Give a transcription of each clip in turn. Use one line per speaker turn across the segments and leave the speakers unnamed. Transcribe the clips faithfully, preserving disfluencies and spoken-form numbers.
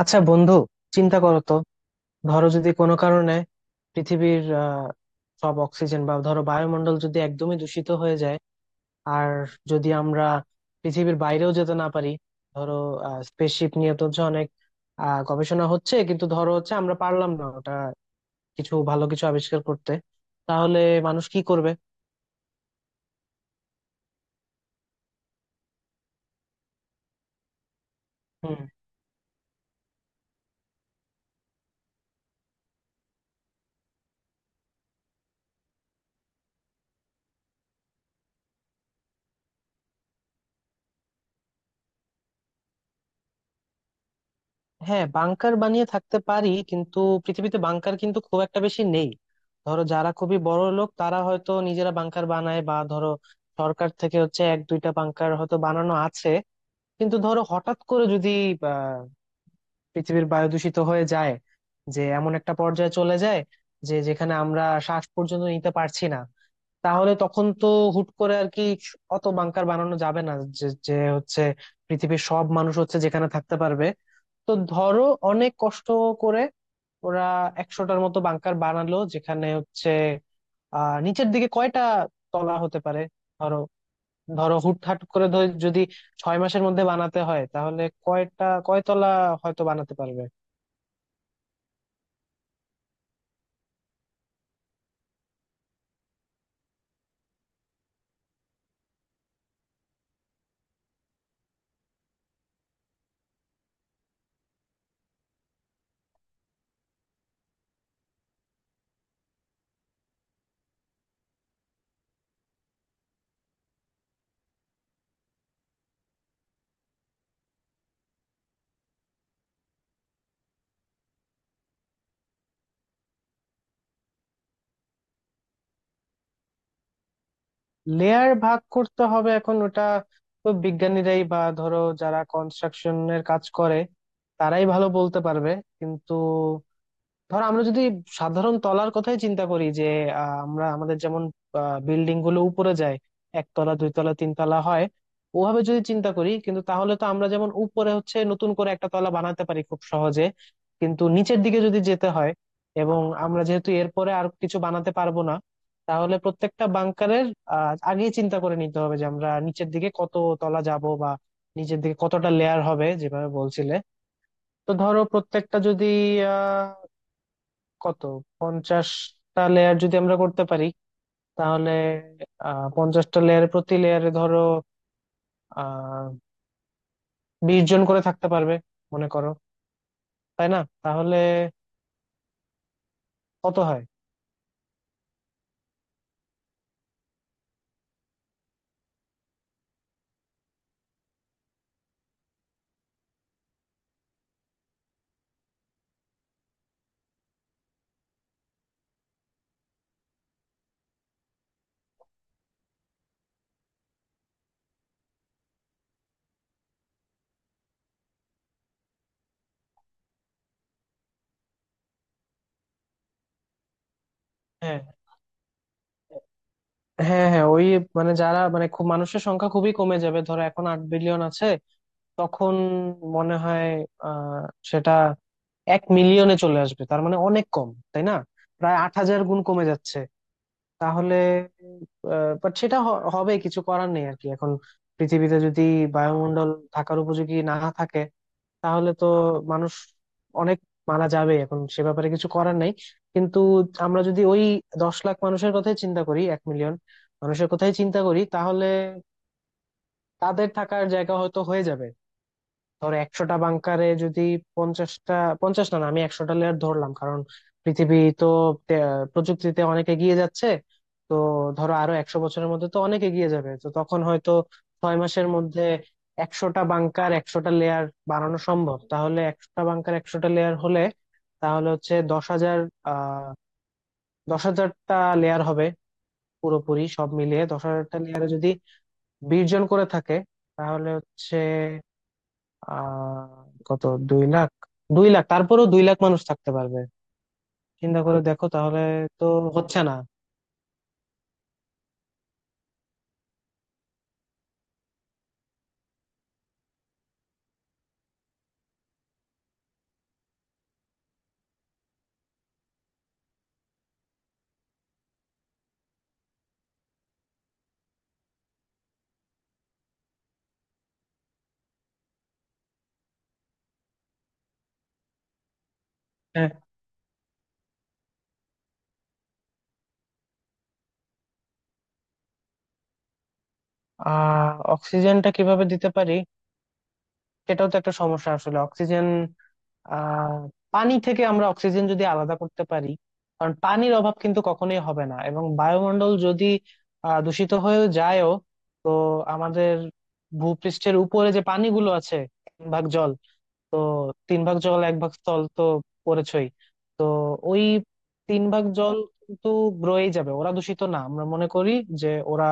আচ্ছা বন্ধু, চিন্তা করো তো। ধরো যদি কোনো কারণে পৃথিবীর আহ, সব অক্সিজেন বা ধরো বায়ুমণ্ডল যদি একদমই দূষিত হয়ে যায়, আর যদি আমরা পৃথিবীর বাইরেও যেতে না পারি। ধরো স্পেসশিপ নিয়ে তো হচ্ছে অনেক আহ, গবেষণা হচ্ছে, কিন্তু ধরো হচ্ছে আমরা পারলাম না ওটা, কিছু ভালো কিছু আবিষ্কার করতে, তাহলে মানুষ কি করবে? হ্যাঁ, বাংকার বানিয়ে থাকতে পারি, কিন্তু পৃথিবীতে বাংকার কিন্তু খুব একটা বেশি নেই। ধরো যারা খুবই বড় লোক, তারা হয়তো নিজেরা বাংকার বানায়, বা ধরো সরকার থেকে হচ্ছে এক দুইটা বাংকার হয়তো বানানো আছে। কিন্তু ধরো হঠাৎ করে যদি আহ, পৃথিবীর বায়ু দূষিত হয়ে যায়, যে এমন একটা পর্যায়ে চলে যায় যে যেখানে আমরা শ্বাস পর্যন্ত নিতে পারছি না, তাহলে তখন তো হুট করে আর কি অত বাংকার বানানো যাবে না, যে যে হচ্ছে পৃথিবীর সব মানুষ হচ্ছে যেখানে থাকতে পারবে। তো ধরো অনেক কষ্ট করে ওরা একশোটার মতো বাংকার বানালো, যেখানে হচ্ছে আহ নিচের দিকে কয়টা তলা হতে পারে। ধরো ধরো হুটহাট করে ধর যদি ছয় মাসের মধ্যে বানাতে হয় তাহলে কয়টা কয়তলা হয়তো বানাতে পারবে। লেয়ার ভাগ করতে হবে, এখন ওটা তো বিজ্ঞানীরাই বা ধরো যারা কনস্ট্রাকশনের কাজ করে তারাই ভালো বলতে পারবে। কিন্তু ধর আমরা যদি সাধারণ তলার কথাই চিন্তা করি, যে আহ, আমরা আমাদের যেমন বিল্ডিং গুলো উপরে যায়, একতলা দুইতলা তিনতলা হয়, ওভাবে যদি চিন্তা করি কিন্তু, তাহলে তো আমরা যেমন উপরে হচ্ছে নতুন করে একটা তলা বানাতে পারি খুব সহজে, কিন্তু নিচের দিকে যদি যেতে হয়, এবং আমরা যেহেতু এরপরে আর কিছু বানাতে পারবো না, তাহলে প্রত্যেকটা বাংকারের আহ আগেই চিন্তা করে নিতে হবে যে আমরা নিচের দিকে কত তলা যাব, বা নিচের দিকে কতটা লেয়ার হবে যেভাবে বলছিলে। তো ধরো প্রত্যেকটা যদি, কত, পঞ্চাশটা লেয়ার যদি আমরা করতে পারি, তাহলে আহ পঞ্চাশটা লেয়ারে প্রতি লেয়ারে ধরো আহ বিশ জন করে থাকতে পারবে, মনে করো, তাই না? তাহলে কত হয়? হ্যাঁ, হ্যাঁ, হ্যাঁ, ওই, মানে যারা, মানে খুব মানুষের সংখ্যা খুবই কমে যাবে, ধরো এখন আট বিলিয়ন আছে, তখন মনে হয় আহ সেটা এক মিলিয়নে চলে আসবে। তার মানে অনেক কম, তাই না? প্রায় আট হাজার গুণ কমে যাচ্ছে। তাহলে বাট সেটা হ- হবে, কিছু করার নেই আর কি। এখন পৃথিবীতে যদি বায়ুমণ্ডল থাকার উপযোগী না থাকে, তাহলে তো মানুষ অনেক মারা যাবে, এখন সে ব্যাপারে কিছু করার নাই। কিন্তু আমরা যদি ওই দশ লাখ মানুষের কথাই চিন্তা করি, এক মিলিয়ন মানুষের কথাই চিন্তা করি, তাহলে তাদের থাকার জায়গা হয়তো হয়ে যাবে। ধরো একশোটা বাংকারে যদি পঞ্চাশটা, পঞ্চাশ, না, না, আমি একশোটা লেয়ার ধরলাম, কারণ পৃথিবী তো তে- প্রযুক্তিতে অনেক এগিয়ে যাচ্ছে। তো ধরো আরো একশো বছরের মধ্যে তো অনেক এগিয়ে যাবে, তো তখন হয়তো ছয় মাসের মধ্যে একশোটা বাংকার একশোটা লেয়ার বানানো সম্ভব। তাহলে একশোটা বাংকার একশোটা লেয়ার হলে, তাহলে হচ্ছে দশ হাজার, আহ দশ হাজারটা লেয়ার হবে পুরোপুরি সব মিলিয়ে। দশ হাজারটা লেয়ারে যদি বিশ জন করে থাকে, তাহলে হচ্ছে আহ কত, দুই লাখ, দুই লাখ, তারপরেও দুই লাখ মানুষ থাকতে পারবে। চিন্তা করে দেখো, তাহলে তো হচ্ছে না। হ্যাঁ, আহ অক্সিজেনটা কিভাবে দিতে পারি, সেটাও তো একটা সমস্যা আসলে। অক্সিজেন আহ পানি থেকে আমরা অক্সিজেন যদি আলাদা করতে পারি, কারণ পানির অভাব কিন্তু কখনোই হবে না। এবং বায়ুমণ্ডল যদি আহ দূষিত হয়েও যায়ও, তো আমাদের ভূপৃষ্ঠের উপরে যে পানিগুলো আছে, তিন ভাগ জল, তো তিন ভাগ জল এক ভাগ স্থল তো পড়েছই। তো ওই তিন ভাগ জল কিন্তু রয়েই যাবে। ওরা দূষিত না, আমরা মনে করি যে ওরা,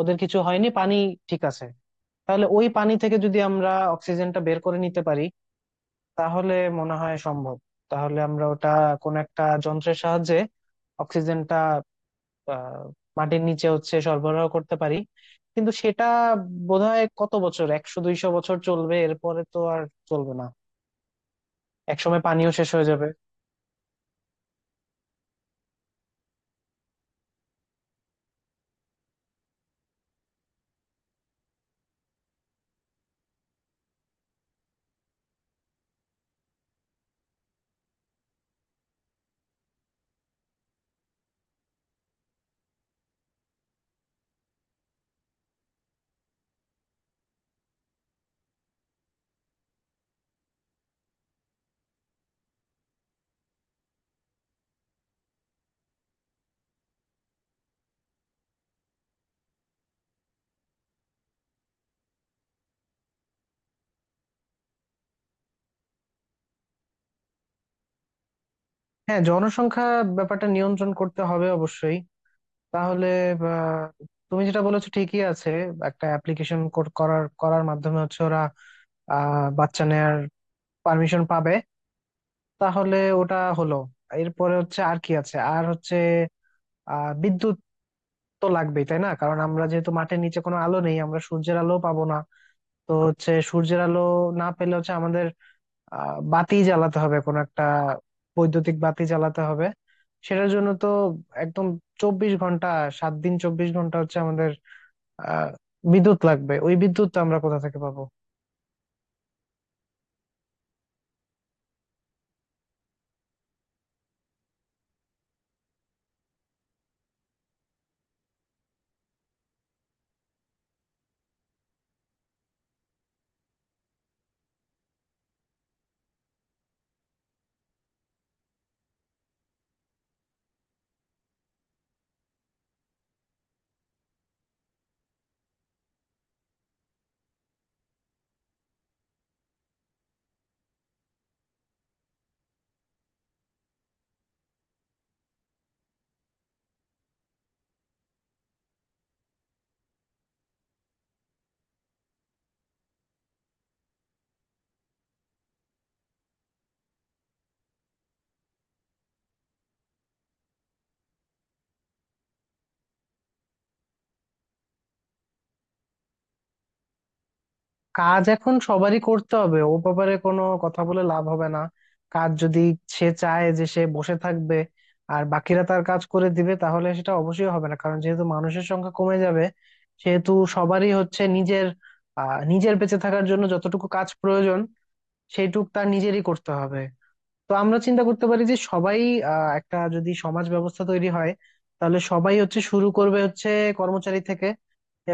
ওদের কিছু হয়নি, পানি ঠিক আছে। তাহলে ওই পানি থেকে যদি আমরা অক্সিজেনটা বের করে নিতে পারি, তাহলে মনে হয় সম্ভব। তাহলে আমরা ওটা কোন একটা যন্ত্রের সাহায্যে অক্সিজেনটা আহ, মাটির নিচে হচ্ছে সরবরাহ করতে পারি। কিন্তু সেটা বোধহয় কত বছর, একশো দুইশো বছর চলবে, এরপরে তো আর চলবে না। একসময় পানিও শেষ হয়ে যাবে। হ্যাঁ, জনসংখ্যা ব্যাপারটা নিয়ন্ত্রণ করতে হবে অবশ্যই। তাহলে আহ, তুমি যেটা বলেছো ঠিকই আছে। একটা অ্যাপ্লিকেশন করার করার মাধ্যমে হচ্ছে ওরা আহ বাচ্চা নেয়ার পারমিশন পাবে। তাহলে ওটা হলো। এরপরে হচ্ছে আর কি আছে, আর হচ্ছে আহ বিদ্যুৎ তো লাগবেই, তাই না? কারণ আমরা যেহেতু মাঠের নিচে, কোনো আলো নেই, আমরা সূর্যের আলো পাবো না। তো হচ্ছে সূর্যের আলো না পেলে হচ্ছে আমাদের আহ বাতি জ্বালাতে হবে কোনো একটা, বৈদ্যুতিক বাতি জ্বালাতে হবে। সেটার জন্য তো একদম চব্বিশ ঘন্টা, সাত দিন চব্বিশ ঘন্টা হচ্ছে আমাদের আহ বিদ্যুৎ লাগবে, ওই বিদ্যুৎ তো আমরা কোথা থেকে পাবো? কাজ এখন সবারই করতে হবে, ও ব্যাপারে কোনো কথা বলে লাভ হবে না। কাজ যদি, সে চায় যে সে বসে থাকবে আর বাকিরা তার কাজ করে দিবে, তাহলে সেটা অবশ্যই হবে না। কারণ যেহেতু মানুষের সংখ্যা কমে যাবে, সেহেতু সবারই হচ্ছে নিজের, আহ নিজের বেঁচে থাকার জন্য যতটুকু কাজ প্রয়োজন, সেইটুক তার নিজেরই করতে হবে। তো আমরা চিন্তা করতে পারি যে সবাই, আহ, একটা যদি সমাজ ব্যবস্থা তৈরি হয়, তাহলে সবাই হচ্ছে শুরু করবে হচ্ছে কর্মচারী থেকে,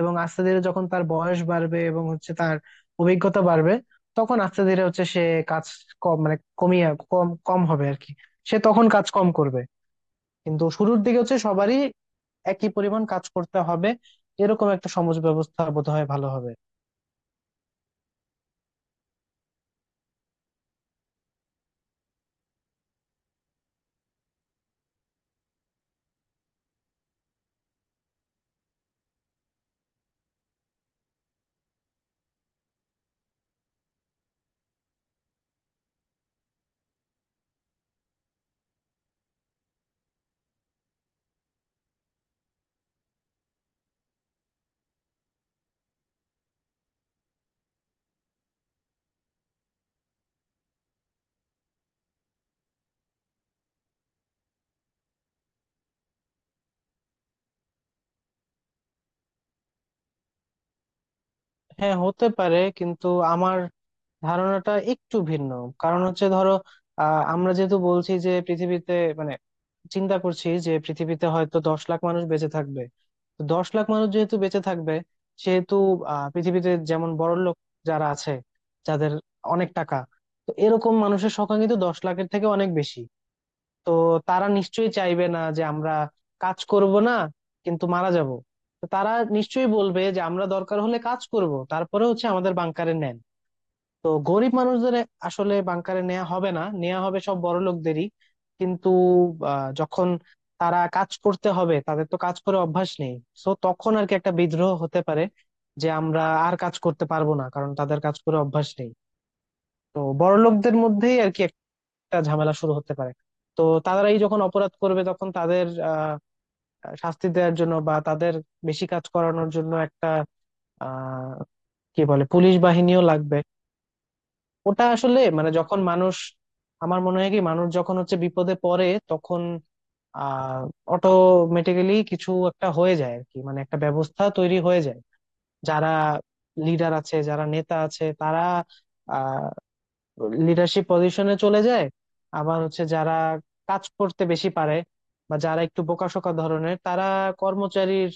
এবং আস্তে ধীরে যখন তার বয়স বাড়বে এবং হচ্ছে তার অভিজ্ঞতা বাড়বে, তখন আস্তে ধীরে হচ্ছে সে কাজ কম, মানে কমিয়ে, কম কম হবে আর কি, সে তখন কাজ কম করবে। কিন্তু শুরুর দিকে হচ্ছে সবারই একই পরিমাণ কাজ করতে হবে। এরকম একটা সমাজ ব্যবস্থা বোধহয় ভালো হবে। হ্যাঁ, হতে পারে, কিন্তু আমার ধারণাটা একটু ভিন্ন। কারণ হচ্ছে ধরো আহ আমরা যেহেতু বলছি যে পৃথিবীতে, মানে চিন্তা করছি যে পৃথিবীতে হয়তো দশ লাখ মানুষ বেঁচে থাকবে। তো দশ লাখ মানুষ যেহেতু বেঁচে থাকবে, সেহেতু আহ পৃথিবীতে যেমন বড়লোক যারা আছে, যাদের অনেক টাকা, তো এরকম মানুষের সংখ্যা কিন্তু দশ লাখের থেকে অনেক বেশি। তো তারা নিশ্চয়ই চাইবে না যে আমরা কাজ করব না কিন্তু মারা যাব। তো তারা নিশ্চয়ই বলবে যে আমরা দরকার হলে কাজ করব, তারপরে হচ্ছে আমাদের বাংকারে নেন। তো গরিব মানুষদের আসলে বাংকারে নেওয়া হবে না, নেওয়া হবে সব বড় লোকদেরই। কিন্তু আহ, যখন তারা কাজ করতে হবে, তাদের তো কাজ করে অভ্যাস নেই। সো তখন আর কি একটা বিদ্রোহ হতে পারে যে আমরা আর কাজ করতে পারবো না, কারণ তাদের কাজ করে অভ্যাস নেই। তো বড় লোকদের মধ্যেই আর কি একটা ঝামেলা শুরু হতে পারে। তো তারাই যখন অপরাধ করবে, তখন তাদের আহ শাস্তি দেওয়ার জন্য বা তাদের বেশি কাজ করানোর জন্য একটা, আহ কি বলে, পুলিশ বাহিনীও লাগবে। ওটা আসলে, মানে যখন মানুষ, আমার মনে হয় কি, মানুষ যখন হচ্ছে বিপদে পড়ে, তখন আহ অটোমেটিক্যালি কিছু একটা হয়ে যায় আর কি, মানে একটা ব্যবস্থা তৈরি হয়ে যায়। যারা লিডার আছে, যারা নেতা আছে, তারা আহ লিডারশিপ পজিশনে চলে যায়। আবার হচ্ছে যারা কাজ করতে বেশি পারে, বা যারা একটু বোকাশোকা ধরনের, তারা কর্মচারীর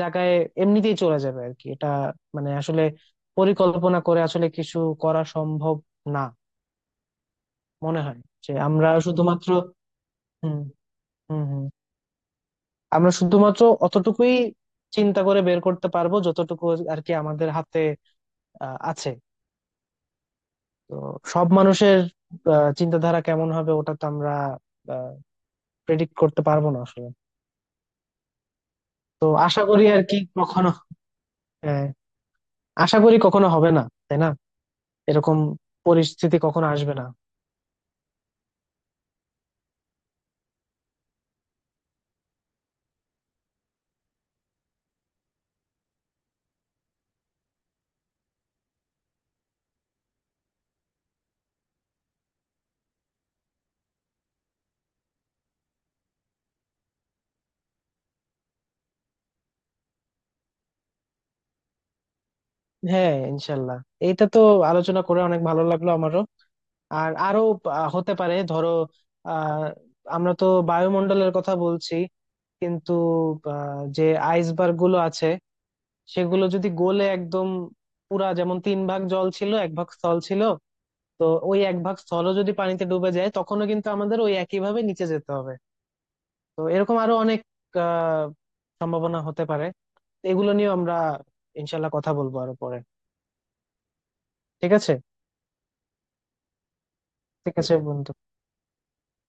জায়গায় এমনিতেই চলে যাবে আর কি। এটা, মানে আসলে পরিকল্পনা করে আসলে কিছু করা সম্ভব না মনে হয়। যে আমরা শুধুমাত্র, হুম, হুম, হুম, আমরা শুধুমাত্র অতটুকুই চিন্তা করে বের করতে পারবো যতটুকু আর কি আমাদের হাতে আহ, আছে। তো সব মানুষের আহ, চিন্তাধারা কেমন হবে, ওটা তো আমরা প্রেডিক্ট করতে পারবো না আসলে। তো আশা করি আর কি কখনো, হ্যাঁ, আশা করি কখনো হবে না, তাই না? এরকম পরিস্থিতি কখনো আসবে না। হ্যাঁ, ইনশাল্লাহ। এইটা তো আলোচনা করে অনেক ভালো লাগলো আমারও। আর আরো আহ, হতে পারে, ধরো আহ আমরা তো বায়ুমণ্ডলের কথা বলছি, কিন্তু আহ, যে আইসবার্গ গুলো আছে, সেগুলো যদি গলে একদম পুরা, যেমন তিন ভাগ জল ছিল এক ভাগ স্থল ছিল, তো ওই এক ভাগ স্থলও যদি পানিতে ডুবে যায়, তখনও কিন্তু আমাদের ওই একই ভাবে নিচে যেতে হবে। তো এরকম আরো অনেক আহ সম্ভাবনা হতে পারে। এগুলো নিয়ে আমরা ইনশাল্লাহ কথা বলবো আরো পরে। ঠিক আছে। ঠিক আছে বন্ধু।